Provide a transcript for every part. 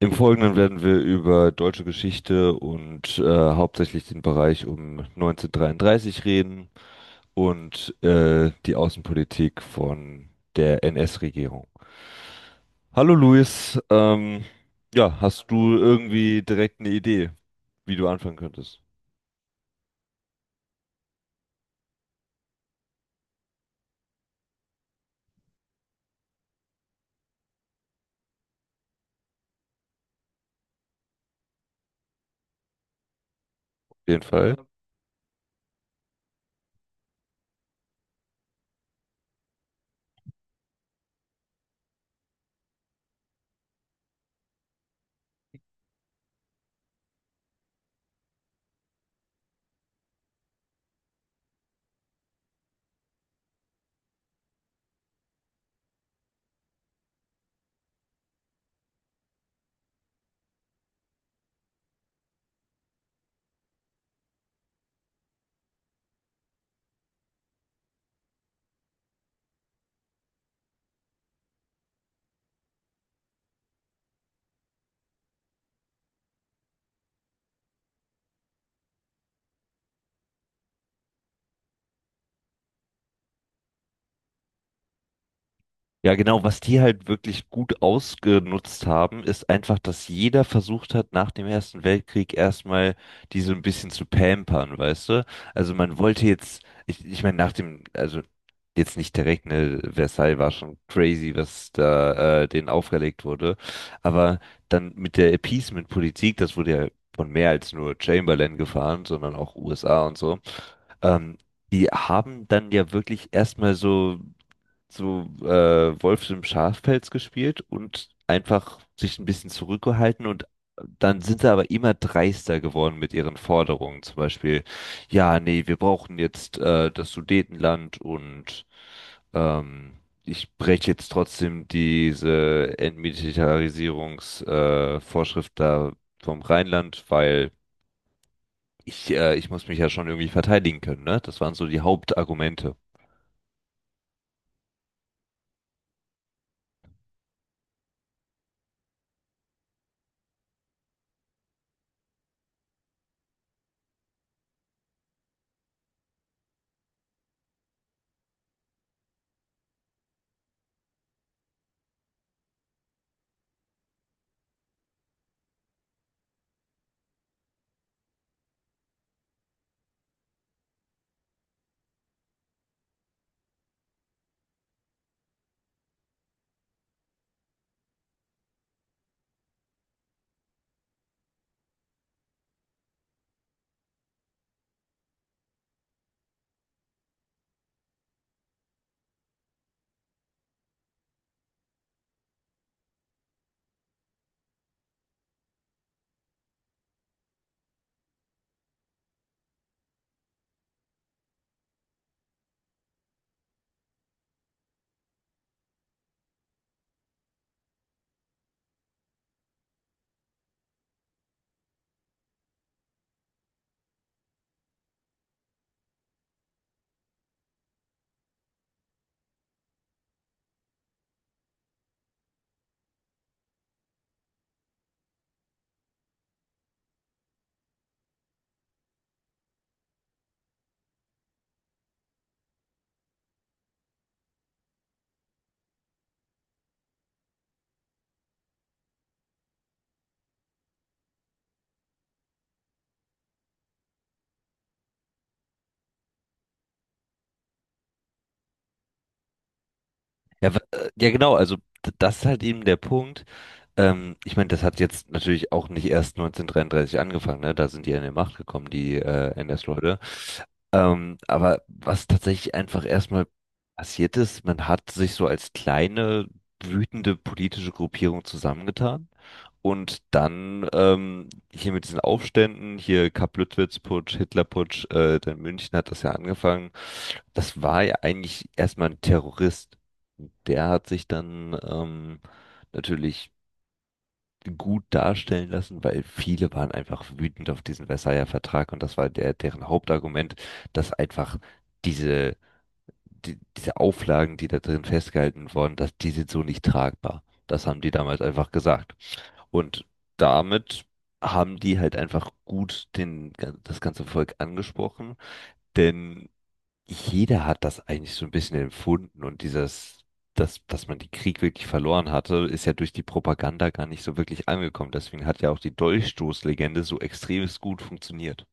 Im Folgenden werden wir über deutsche Geschichte und hauptsächlich den Bereich um 1933 reden und die Außenpolitik von der NS-Regierung. Hallo Luis, ja, hast du irgendwie direkt eine Idee, wie du anfangen könntest? Auf jeden Fall. Ja, genau. Was die halt wirklich gut ausgenutzt haben, ist einfach, dass jeder versucht hat, nach dem Ersten Weltkrieg erstmal die so ein bisschen zu pampern, weißt du? Also man wollte jetzt, ich meine, nach dem, also jetzt nicht direkt, ne, Versailles war schon crazy, was da denen aufgelegt wurde. Aber dann mit der Appeasement-Politik, das wurde ja von mehr als nur Chamberlain gefahren, sondern auch USA und so. Ähm, Die haben dann ja wirklich erstmal so Wolf im Schafpelz gespielt und einfach sich ein bisschen zurückgehalten, und dann sind sie aber immer dreister geworden mit ihren Forderungen. Zum Beispiel, ja, nee, wir brauchen jetzt das Sudetenland, und ähm, ich breche jetzt trotzdem diese Entmilitarisierungsvorschrift Vorschrift da vom Rheinland, weil ich muss mich ja schon irgendwie verteidigen können, ne? Das waren so die Hauptargumente. Ja, ja genau, also das ist halt eben der Punkt. Ich meine, das hat jetzt natürlich auch nicht erst 1933 angefangen, ne? Da sind die an die Macht gekommen, die NS-Leute. Aber was tatsächlich einfach erstmal passiert ist, man hat sich so als kleine, wütende politische Gruppierung zusammengetan. Und dann hier mit diesen Aufständen, hier Kapp-Lüttwitz-Putsch, Hitler-Putsch, dann München, hat das ja angefangen. Das war ja eigentlich erstmal ein Terrorist. Der hat sich dann natürlich gut darstellen lassen, weil viele waren einfach wütend auf diesen Versailler Vertrag, und das war der, deren Hauptargument, dass einfach diese, diese Auflagen, die da drin festgehalten wurden, dass die sind so nicht tragbar. Das haben die damals einfach gesagt. Und damit haben die halt einfach gut das ganze Volk angesprochen, denn jeder hat das eigentlich so ein bisschen empfunden, und dieses, dass man den Krieg wirklich verloren hatte, ist ja durch die Propaganda gar nicht so wirklich angekommen. Deswegen hat ja auch die Dolchstoßlegende so extremst gut funktioniert.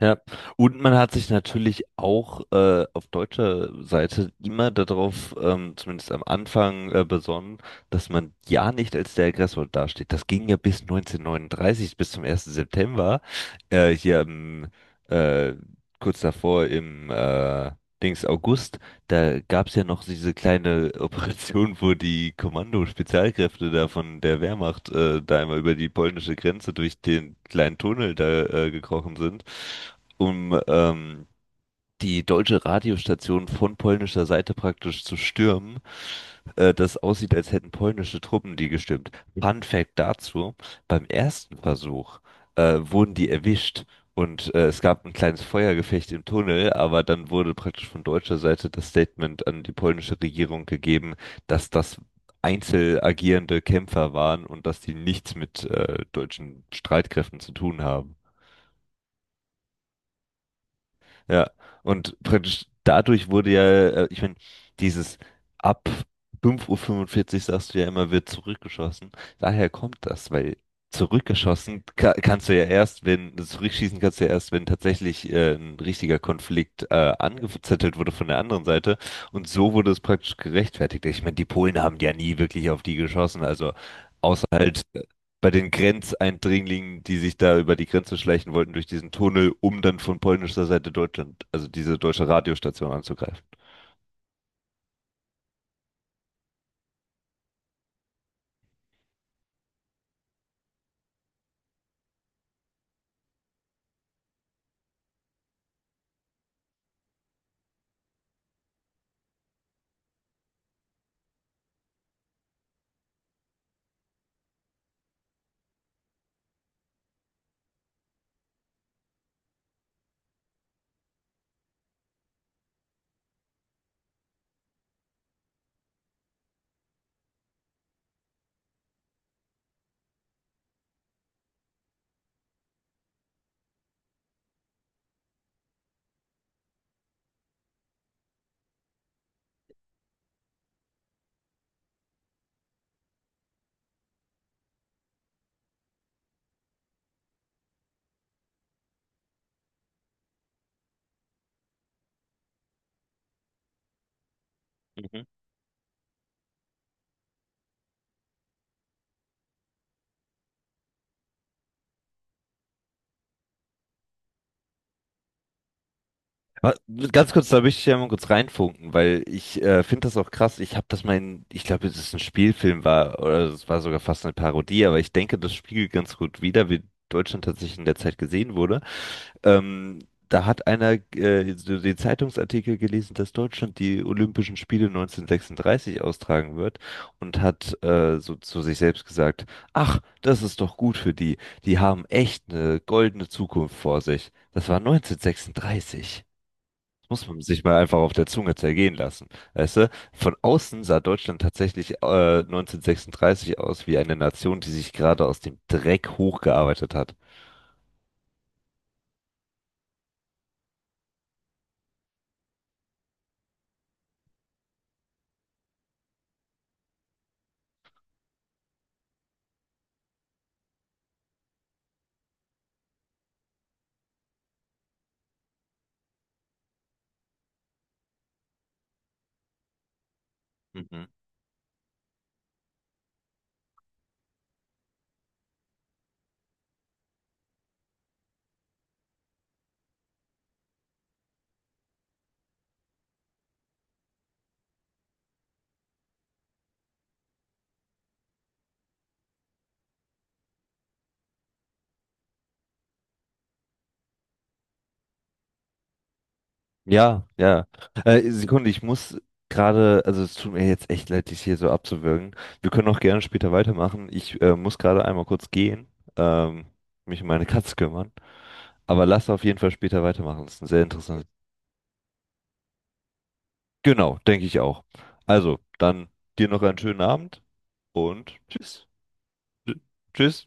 Ja, und man hat sich natürlich auch auf deutscher Seite immer darauf, zumindest am Anfang, besonnen, dass man ja nicht als der Aggressor dasteht. Das ging ja bis 1939, bis zum ersten September, äh, hier im, äh, kurz davor im Dings August. Da gab's ja noch diese kleine Operation, wo die Kommando-Spezialkräfte da von der Wehrmacht da einmal über die polnische Grenze durch den kleinen Tunnel da gekrochen sind, um die deutsche Radiostation von polnischer Seite praktisch zu stürmen, das aussieht, als hätten polnische Truppen die gestürmt. Fun Fact dazu, beim ersten Versuch wurden die erwischt, und es gab ein kleines Feuergefecht im Tunnel, aber dann wurde praktisch von deutscher Seite das Statement an die polnische Regierung gegeben, dass das einzeln agierende Kämpfer waren und dass die nichts mit deutschen Streitkräften zu tun haben. Ja, und praktisch dadurch wurde ja, ich meine, dieses ab 5:45 Uhr fünfundvierzig, sagst du ja immer, wird zurückgeschossen. Daher kommt das, weil zurückgeschossen ka kannst du ja erst, wenn, zurückschießen kannst du ja erst, wenn tatsächlich ein richtiger Konflikt angezettelt wurde von der anderen Seite. Und so wurde es praktisch gerechtfertigt. Ich meine, die Polen haben ja nie wirklich auf die geschossen, also außer halt bei den Grenzeindringlingen, die sich da über die Grenze schleichen wollten, durch diesen Tunnel, um dann von polnischer Seite Deutschland, also diese deutsche Radiostation anzugreifen. Mhm. Ah, ganz kurz, da möchte ich ja mal kurz reinfunken, weil ich finde das auch krass. Ich habe das mal in, ich glaube, es ist ein Spielfilm war oder es war sogar fast eine Parodie, aber ich denke, das spiegelt ganz gut wider, wie Deutschland tatsächlich in der Zeit gesehen wurde. Ähm, Da hat einer so den Zeitungsartikel gelesen, dass Deutschland die Olympischen Spiele 1936 austragen wird, und hat so zu sich selbst gesagt, ach, das ist doch gut für die. Die haben echt eine goldene Zukunft vor sich. Das war 1936, muss man sich mal einfach auf der Zunge zergehen lassen. Weißt du, von außen sah Deutschland tatsächlich 1936 aus wie eine Nation, die sich gerade aus dem Dreck hochgearbeitet hat. Mhm. Ja, ja. Sekunde, ich muss gerade, also es tut mir jetzt echt leid, dich hier so abzuwürgen. Wir können auch gerne später weitermachen. Ich muss gerade einmal kurz gehen, ähm, mich um meine Katze kümmern. Aber lass auf jeden Fall später weitermachen. Das ist ein sehr interessantes. Genau, denke ich auch. Also, dann dir noch einen schönen Abend und tschüss. Tschüss.